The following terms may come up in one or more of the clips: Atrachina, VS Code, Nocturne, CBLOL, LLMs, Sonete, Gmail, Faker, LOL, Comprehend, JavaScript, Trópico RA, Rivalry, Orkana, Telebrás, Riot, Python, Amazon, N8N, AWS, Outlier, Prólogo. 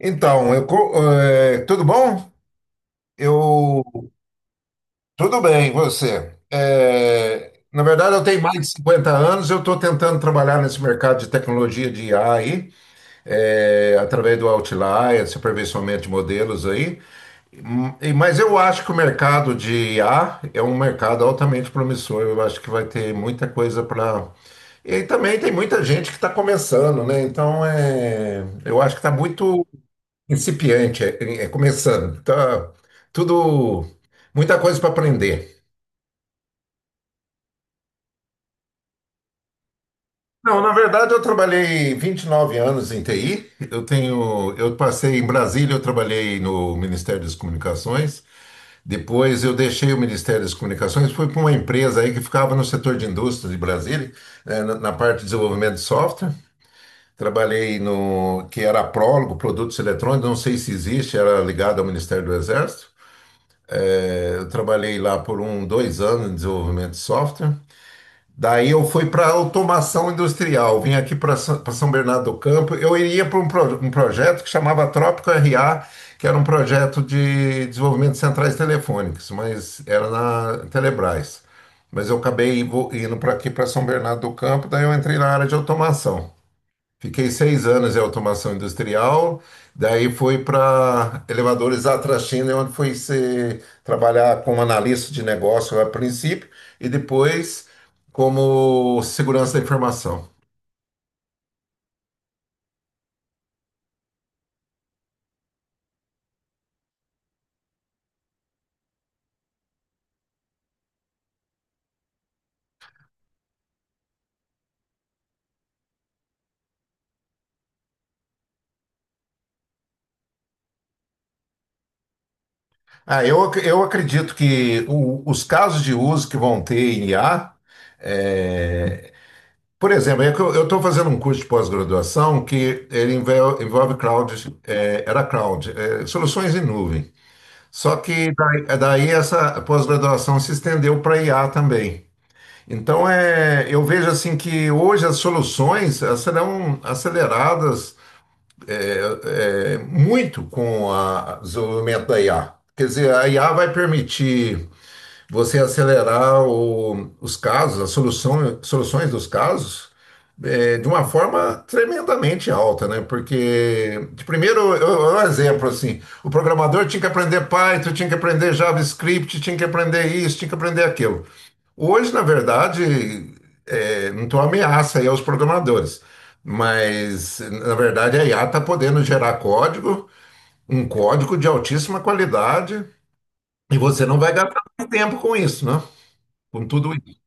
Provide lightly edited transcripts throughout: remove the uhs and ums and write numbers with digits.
Então, tudo bom? Eu, tudo bem, você? Na verdade, eu tenho mais de 50 anos, eu estou tentando trabalhar nesse mercado de tecnologia de IA aí, através do Outlier, esse aperfeiçoamento de modelos aí. Mas eu acho que o mercado de IA é um mercado altamente promissor, eu acho que vai ter muita coisa para. E também tem muita gente que está começando, né? Então, eu acho que está muito incipiente, começando. Tá tudo, muita coisa para aprender. Não, na verdade, eu trabalhei 29 anos em TI. Eu tenho, eu passei em Brasília, eu trabalhei no Ministério das Comunicações. Depois eu deixei o Ministério das Comunicações, fui para uma empresa aí que ficava no setor de indústria de Brasília, né, na na parte de desenvolvimento de software. Trabalhei no que era a Prólogo, Produtos Eletrônicos, não sei se existe, era ligado ao Ministério do Exército. Eu trabalhei lá por um, 2 anos em desenvolvimento de software. Daí eu fui para automação industrial. Vim aqui para São Bernardo do Campo. Eu iria para um projeto que chamava Trópico RA, que era um projeto de desenvolvimento de centrais telefônicas, mas era na Telebrás. Mas eu acabei indo para aqui para São Bernardo do Campo. Daí eu entrei na área de automação. Fiquei 6 anos em automação industrial, daí fui para elevadores Atrachina, onde fui ser, trabalhar como analista de negócio a princípio e depois como segurança da informação. Ah, eu acredito que os casos de uso que vão ter em IA, é, por exemplo, é que eu estou fazendo um curso de pós-graduação que ele envolve, cloud, era cloud, soluções em nuvem. Só que daí, daí essa pós-graduação se estendeu para IA também. Então, eu vejo assim que hoje as soluções elas serão aceleradas muito com o desenvolvimento da IA. Quer dizer, a IA vai permitir você acelerar os casos, as soluções dos casos, de uma forma tremendamente alta, né? Porque, de primeiro, um exemplo assim, o programador tinha que aprender Python, tinha que aprender JavaScript, tinha que aprender isso, tinha que aprender aquilo. Hoje, na verdade, não estou ameaça aí aos programadores, mas na verdade a IA está podendo gerar código, um código de altíssima qualidade, e você não vai gastar mais tempo com isso, né? Com tudo isso.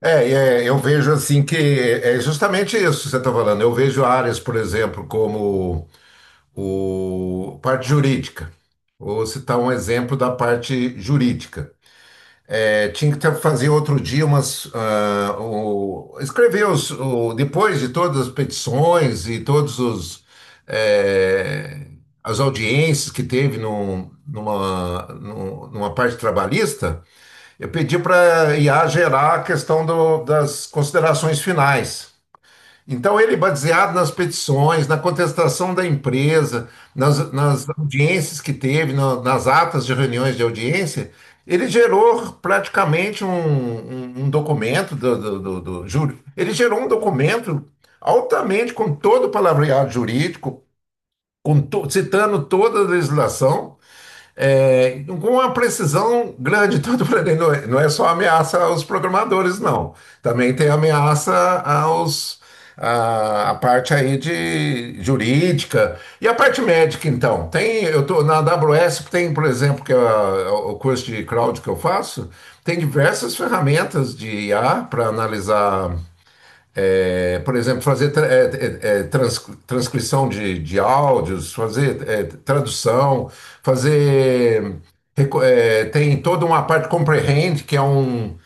É, eu vejo assim que justamente isso que você está falando. Eu vejo áreas, por exemplo, como o parte jurídica. Vou citar um exemplo da parte jurídica. Tinha que ter, fazer outro dia umas. Escrever os, depois de todas as petições e todos os. eh, as audiências que teve numa parte trabalhista. Eu pedi para a IA gerar a questão das considerações finais. Então, ele, baseado nas petições, na contestação da empresa, nas audiências que teve, nas atas de reuniões de audiência, ele gerou praticamente um documento do júri. Ele gerou um documento altamente com todo o palavreado jurídico, com citando toda a legislação, com uma precisão grande. Então, eu falei, não é, não é só ameaça aos programadores, não. Também tem ameaça aos, a parte aí de jurídica. E a parte médica, então? Tem, eu tô na AWS, tem, por exemplo, que é o curso de cloud que eu faço, tem diversas ferramentas de IA para analisar por exemplo, fazer transcrição de áudios, fazer tradução, fazer. Tem toda uma parte comprehend, que é um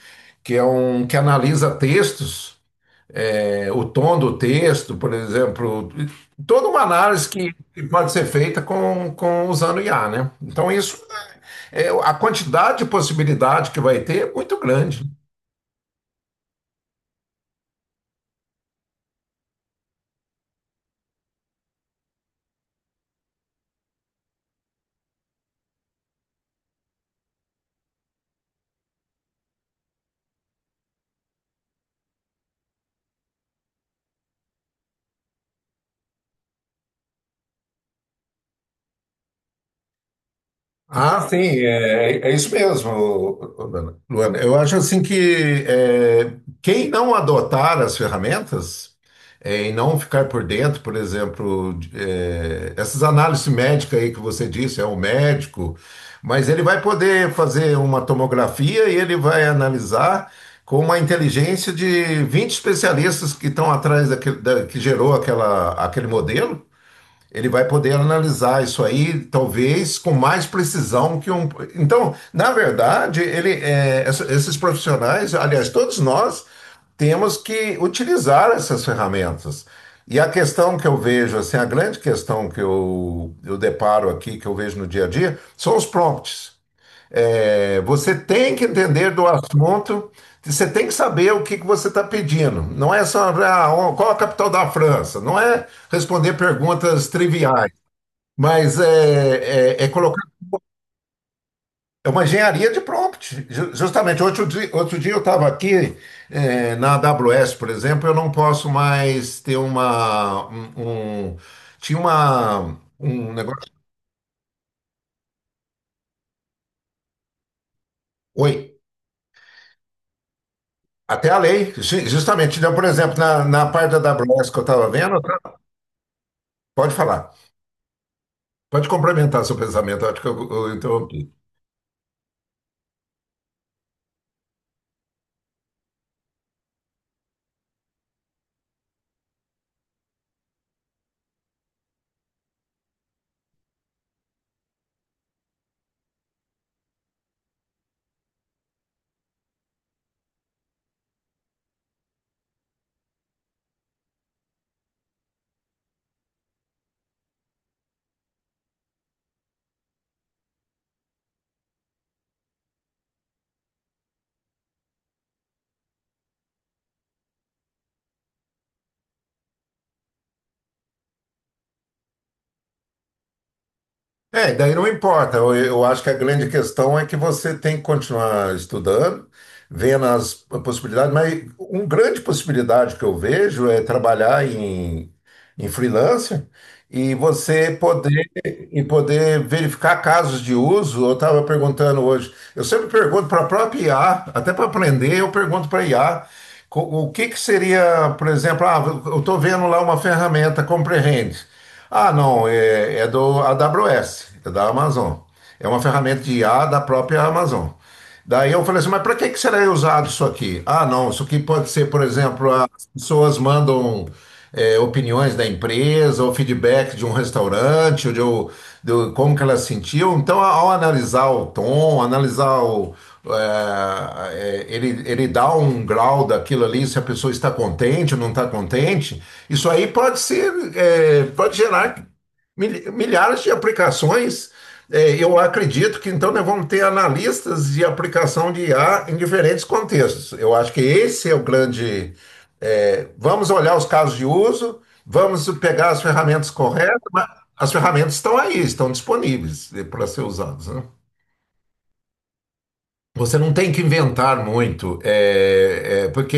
que, que analisa textos, o tom do texto, por exemplo. Toda uma análise que pode ser feita com usando IA, né? Então, isso, a quantidade de possibilidade que vai ter é muito grande. Ah, sim, é isso mesmo, Luana. Luana, eu acho assim que quem não adotar as ferramentas e não ficar por dentro, por exemplo, essas análises médicas aí que você disse, é o médico, mas ele vai poder fazer uma tomografia e ele vai analisar com uma inteligência de 20 especialistas que estão atrás daquele, que gerou aquela, aquele modelo. Ele vai poder analisar isso aí, talvez, com mais precisão que um. Então, na verdade, esses profissionais, aliás, todos nós, temos que utilizar essas ferramentas. E a questão que eu vejo, assim, a grande questão que eu deparo aqui, que eu vejo no dia a dia, são os prompts. Você tem que entender do assunto, você tem que saber o que, que você está pedindo. Não é só ah, ó, qual a capital da França, não é responder perguntas triviais, mas colocar. É uma engenharia de prompt. Justamente, outro dia eu estava aqui na AWS, por exemplo, eu não posso mais ter uma. Tinha um negócio. Oi. Até a lei, justamente. Então, por exemplo, na parte da AWS que eu estava vendo, tá? Pode falar. Pode complementar seu pensamento. Eu acho que eu interrompi. Daí não importa. Eu acho que a grande questão é que você tem que continuar estudando, vendo as possibilidades, mas uma grande possibilidade que eu vejo é trabalhar em freelancer e você poder em poder verificar casos de uso, eu estava perguntando hoje. Eu sempre pergunto para a própria IA, até para aprender, eu pergunto para a IA o que que seria, por exemplo, ah, eu estou vendo lá uma ferramenta Comprehend. Ah, não, é do AWS, é da Amazon. É uma ferramenta de IA da própria Amazon. Daí eu falei assim, mas para que que será usado isso aqui? Ah, não, isso aqui pode ser, por exemplo, pessoas mandam opiniões da empresa, ou feedback de um restaurante, ou de como que elas sentiam. Então, ao analisar o tom, analisar o, é, é, ele dá um grau daquilo ali, se a pessoa está contente ou não está contente, isso aí pode ser, pode gerar milhares de aplicações. É, eu acredito que então nós vamos ter analistas de aplicação de IA em diferentes contextos. Eu acho que esse é o grande vamos olhar os casos de uso, vamos pegar as ferramentas corretas, mas as ferramentas estão aí, estão disponíveis né, para ser usadas, né? Você não tem que inventar muito, porque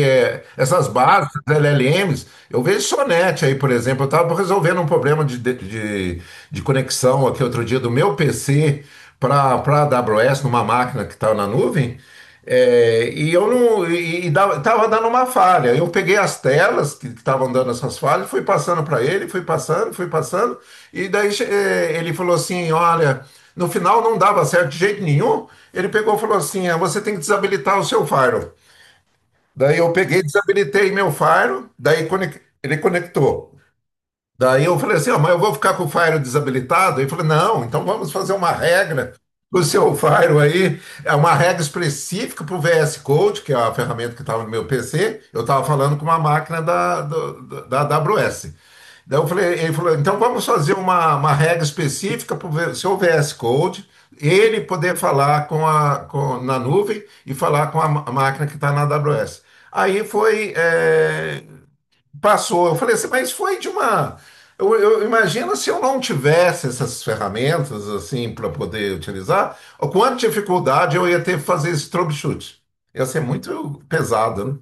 essas bases, LLMs, eu vejo Sonete aí, por exemplo, eu estava resolvendo um problema de conexão aqui outro dia do meu PC para a AWS, numa máquina que estava na nuvem, e eu não, tava dando uma falha. Eu peguei as telas que estavam dando essas falhas, fui passando para ele, fui passando, e daí ele falou assim, olha. No final não dava certo de jeito nenhum. Ele pegou e falou assim: "Ah, você tem que desabilitar o seu faro." Daí eu peguei, desabilitei meu faro, daí ele conectou. Daí eu falei assim, ó, mas eu vou ficar com o Fire desabilitado? Ele falou, não, então vamos fazer uma regra do seu Fire aí, é uma regra específica para o VS Code, que é a ferramenta que estava no meu PC, eu estava falando com uma máquina da AWS. Daí eu falei, ele falou, então vamos fazer uma regra específica para o seu VS Code, ele poder falar com na nuvem e falar com a máquina que está na AWS. Aí foi, passou. Eu falei assim, mas foi de uma. Eu imagino se eu não tivesse essas ferramentas assim para poder utilizar, o quanto de dificuldade eu ia ter que fazer esse troubleshoot. Ia ser muito pesado, né?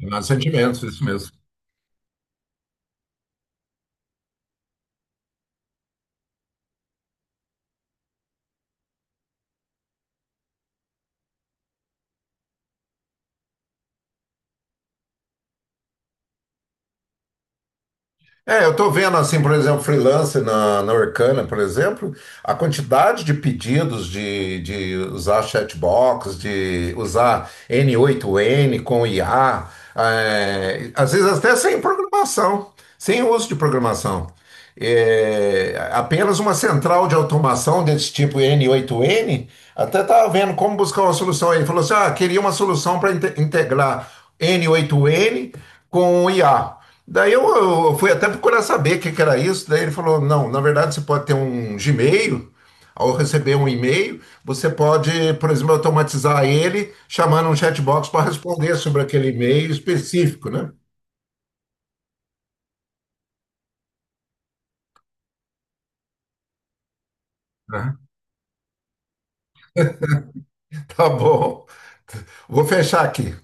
Mas sentimentos, isso mesmo. É, eu estou vendo assim, por exemplo, freelance na Orkana, por exemplo, a quantidade de pedidos de usar chatbox, de usar N8N com IA, às vezes até sem programação, sem uso de programação. É, apenas uma central de automação desse tipo N8N, até estava vendo como buscar uma solução aí. Falou assim: ah, queria uma solução para integrar N8N com o IA. Daí eu fui até procurar saber o que, que era isso. Daí ele falou: não, na verdade você pode ter um Gmail, ao receber um e-mail, você pode, por exemplo, automatizar ele chamando um chatbox para responder sobre aquele e-mail específico, né? Aham. Tá bom, vou fechar aqui.